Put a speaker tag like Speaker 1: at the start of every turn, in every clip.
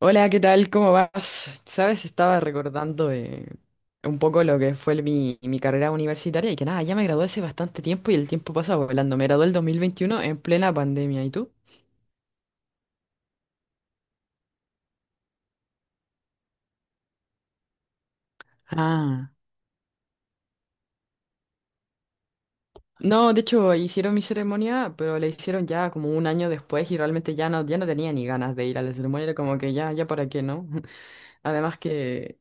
Speaker 1: Hola, ¿qué tal? ¿Cómo vas? Sabes, estaba recordando un poco lo que fue mi carrera universitaria y que nada, ya me gradué hace bastante tiempo y el tiempo pasa volando. Me gradué el 2021 en plena pandemia. ¿Y tú? Ah, no, de hecho, hicieron mi ceremonia, pero la hicieron ya como un año después y realmente ya no tenía ni ganas de ir a la ceremonia, era como que ya para qué, ¿no? Además que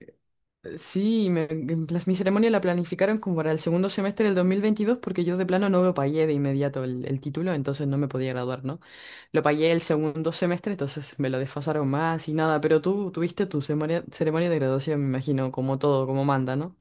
Speaker 1: sí, mi ceremonia la planificaron como para el segundo semestre del 2022 porque yo de plano no lo pagué de inmediato el título, entonces no me podía graduar, ¿no? Lo pagué el segundo semestre, entonces me lo desfasaron más y nada, pero tú tuviste tu ceremonia de graduación, me imagino, como todo, como manda, ¿no?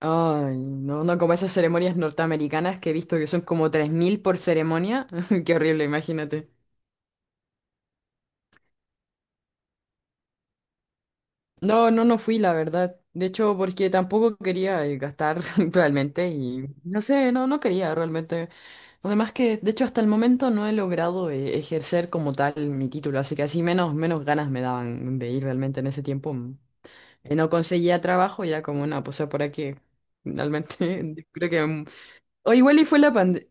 Speaker 1: Ay, no, no, como esas ceremonias norteamericanas que he visto que son como 3000 por ceremonia. Qué horrible, imagínate. No, no, no fui, la verdad. De hecho, porque tampoco quería gastar realmente y no sé, no quería realmente. Además que, de hecho, hasta el momento no he logrado ejercer como tal mi título, así que así menos, menos ganas me daban de ir realmente en ese tiempo. No conseguía trabajo, ya como, no, pues por aquí, realmente, creo que... O igual y fue la pandemia,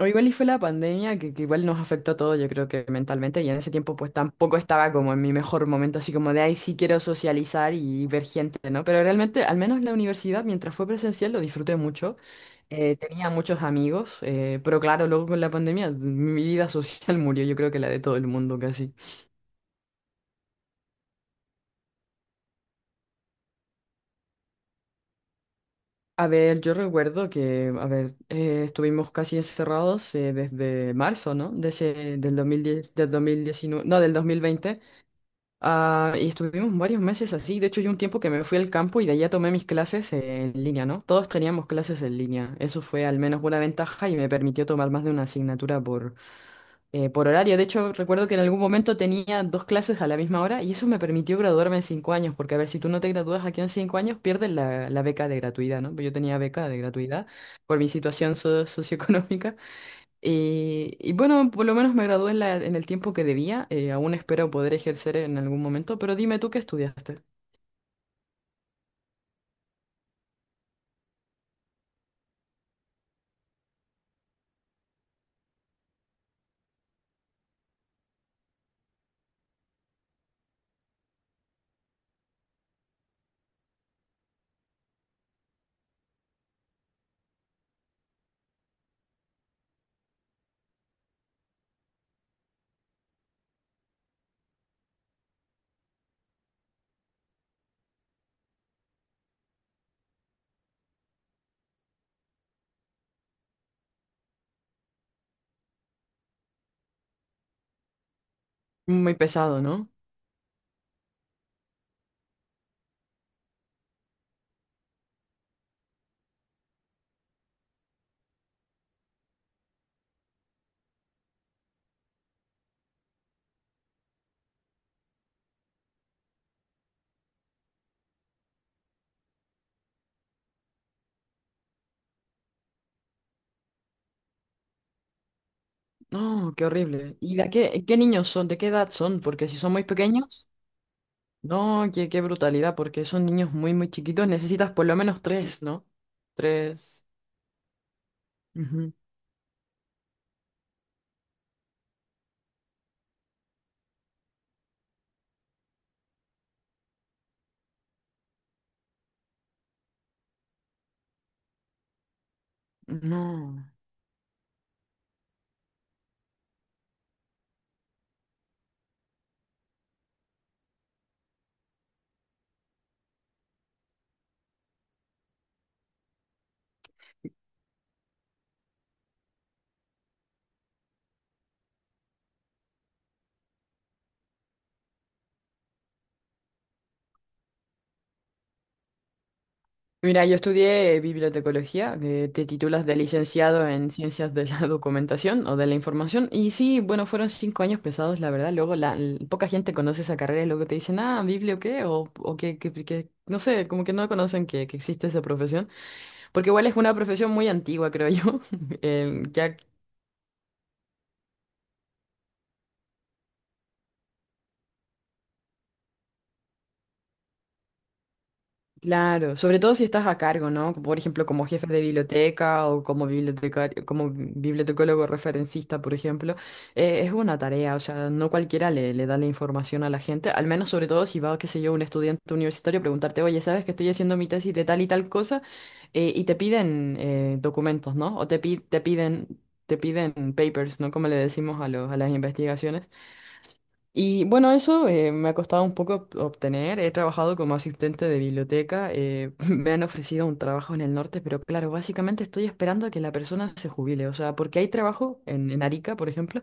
Speaker 1: o igual y fue la pandemia que igual nos afectó a todos, yo creo que mentalmente, y en ese tiempo pues tampoco estaba como en mi mejor momento, así como de ahí sí quiero socializar y ver gente, ¿no? Pero realmente, al menos la universidad, mientras fue presencial, lo disfruté mucho. Tenía muchos amigos, pero claro, luego con la pandemia mi vida social murió, yo creo que la de todo el mundo casi. A ver, yo recuerdo que, a ver, estuvimos casi encerrados desde marzo, ¿no? De del 2010, del 2019, no, del 2020. Ah, y estuvimos varios meses así. De hecho, yo un tiempo que me fui al campo y de allá tomé mis clases en línea, ¿no? Todos teníamos clases en línea. Eso fue al menos una ventaja y me permitió tomar más de una asignatura por horario. De hecho, recuerdo que en algún momento tenía dos clases a la misma hora y eso me permitió graduarme en cinco años, porque a ver, si tú no te gradúas aquí en cinco años, pierdes la beca de gratuidad, ¿no? Yo tenía beca de gratuidad por mi situación socioeconómica. Y bueno, por lo menos me gradué en en el tiempo que debía. Aún espero poder ejercer en algún momento, pero dime tú qué estudiaste. Muy pesado, ¿no? No, qué horrible. ¿Y de qué, qué niños son? ¿De qué edad son? Porque si son muy pequeños, no, qué, qué brutalidad, porque son niños muy, muy chiquitos. Necesitas por lo menos tres, ¿no? Tres. Ujú. No. Mira, yo estudié bibliotecología, que te titulas de licenciado en ciencias de la documentación o de la información. Y sí, bueno, fueron cinco años pesados, la verdad. Luego la, poca gente conoce esa carrera y luego te dicen, ah, biblio qué, o que, no sé, como que no conocen que existe esa profesión. Porque igual es una profesión muy antigua, creo yo. Eh, ya Claro, sobre todo si estás a cargo, ¿no? Por ejemplo, como jefe de biblioteca o como bibliotecario, como bibliotecólogo referencista, por ejemplo, es una tarea, o sea, no cualquiera le da la información a la gente, al menos sobre todo si va, qué sé yo, un estudiante universitario a preguntarte, oye, ¿sabes que estoy haciendo mi tesis de tal y tal cosa? Y te piden documentos, ¿no? O te, te piden... Te piden papers, ¿no? Como le decimos a los, a las investigaciones. Y bueno, eso me ha costado un poco obtener. He trabajado como asistente de biblioteca. Me han ofrecido un trabajo en el norte, pero claro, básicamente estoy esperando a que la persona se jubile. O sea, porque hay trabajo en Arica, por ejemplo,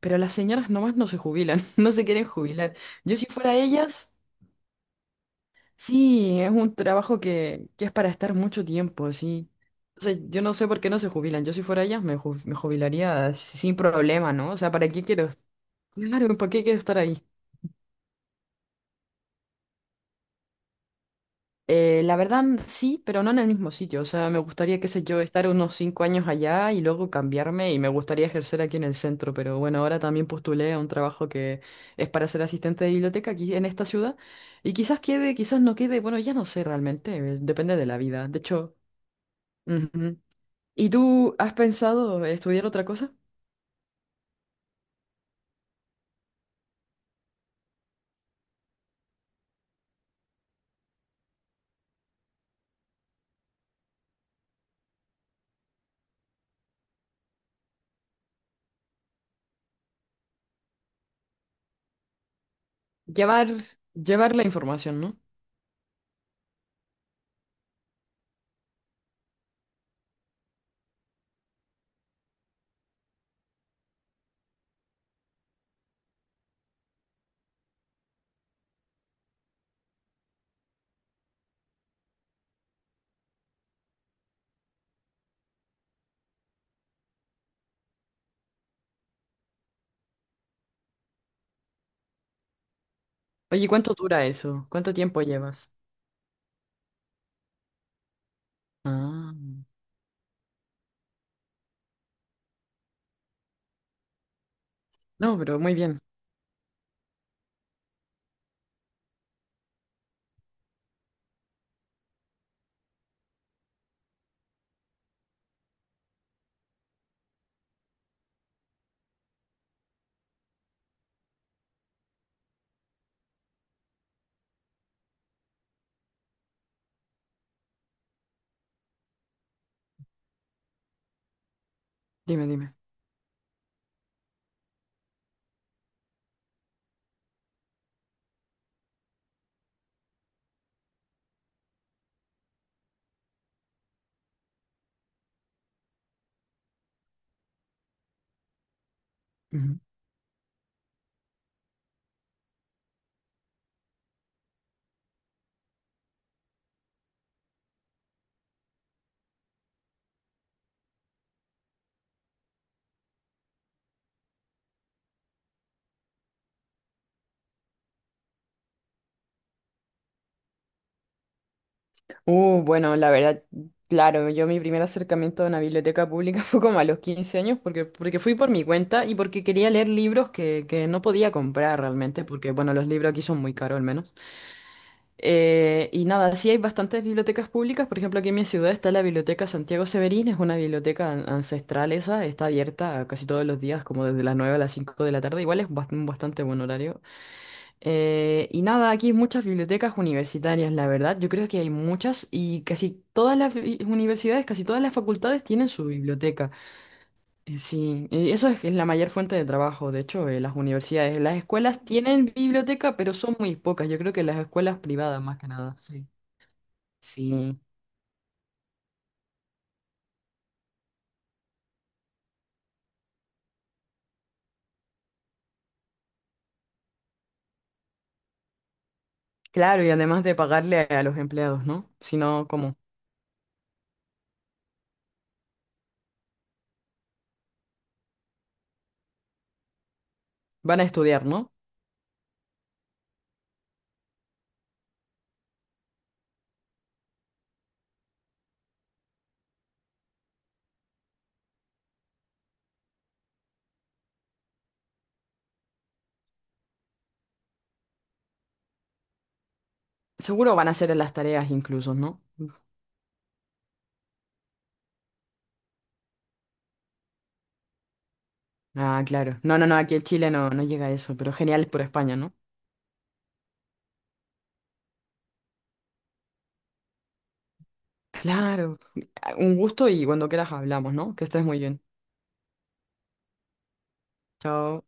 Speaker 1: pero las señoras nomás no se jubilan, no se quieren jubilar. Yo si fuera ellas, sí, es un trabajo que es para estar mucho tiempo, así. O sea, yo no sé por qué no se jubilan. Yo si fuera ellas me, me jubilaría sin problema, ¿no? O sea, ¿para qué quiero? Claro, ¿para qué quiero estar ahí? La verdad sí, pero no en el mismo sitio. O sea, me gustaría, qué sé yo, estar unos cinco años allá y luego cambiarme y me gustaría ejercer aquí en el centro. Pero bueno, ahora también postulé a un trabajo que es para ser asistente de biblioteca aquí en esta ciudad. Y quizás quede, quizás no quede. Bueno, ya no sé realmente. Depende de la vida. De hecho, ujú. ¿Y tú has pensado estudiar otra cosa? Llevar, llevar la información, ¿no? Oye, ¿cuánto dura eso? ¿Cuánto tiempo llevas? Ah, no, pero muy bien. Dime, dime. Bueno, la verdad, claro, yo mi primer acercamiento a una biblioteca pública fue como a los 15 años porque, porque fui por mi cuenta y porque quería leer libros que no podía comprar realmente, porque bueno, los libros aquí son muy caros al menos. Y nada, sí hay bastantes bibliotecas públicas, por ejemplo, aquí en mi ciudad está la Biblioteca Santiago Severín, es una biblioteca ancestral esa, está abierta casi todos los días, como desde las 9 a las 5 de la tarde, igual es un bastante buen horario, y nada, aquí hay muchas bibliotecas universitarias, la verdad. Yo creo que hay muchas y casi todas las universidades, casi todas las facultades tienen su biblioteca. Sí, eso es, que es la mayor fuente de trabajo. De hecho, las universidades, las escuelas tienen biblioteca, pero son muy pocas. Yo creo que las escuelas privadas, más que nada. Sí. Sí. Claro, y además de pagarle a los empleados, ¿no? Si no, ¿cómo? Van a estudiar, ¿no? Seguro van a hacer las tareas incluso, ¿no? Ah, claro. No, no, no, aquí en Chile no, no llega a eso, pero genial por España, ¿no? Claro, un gusto y cuando quieras hablamos, ¿no? Que estés muy bien. Chao.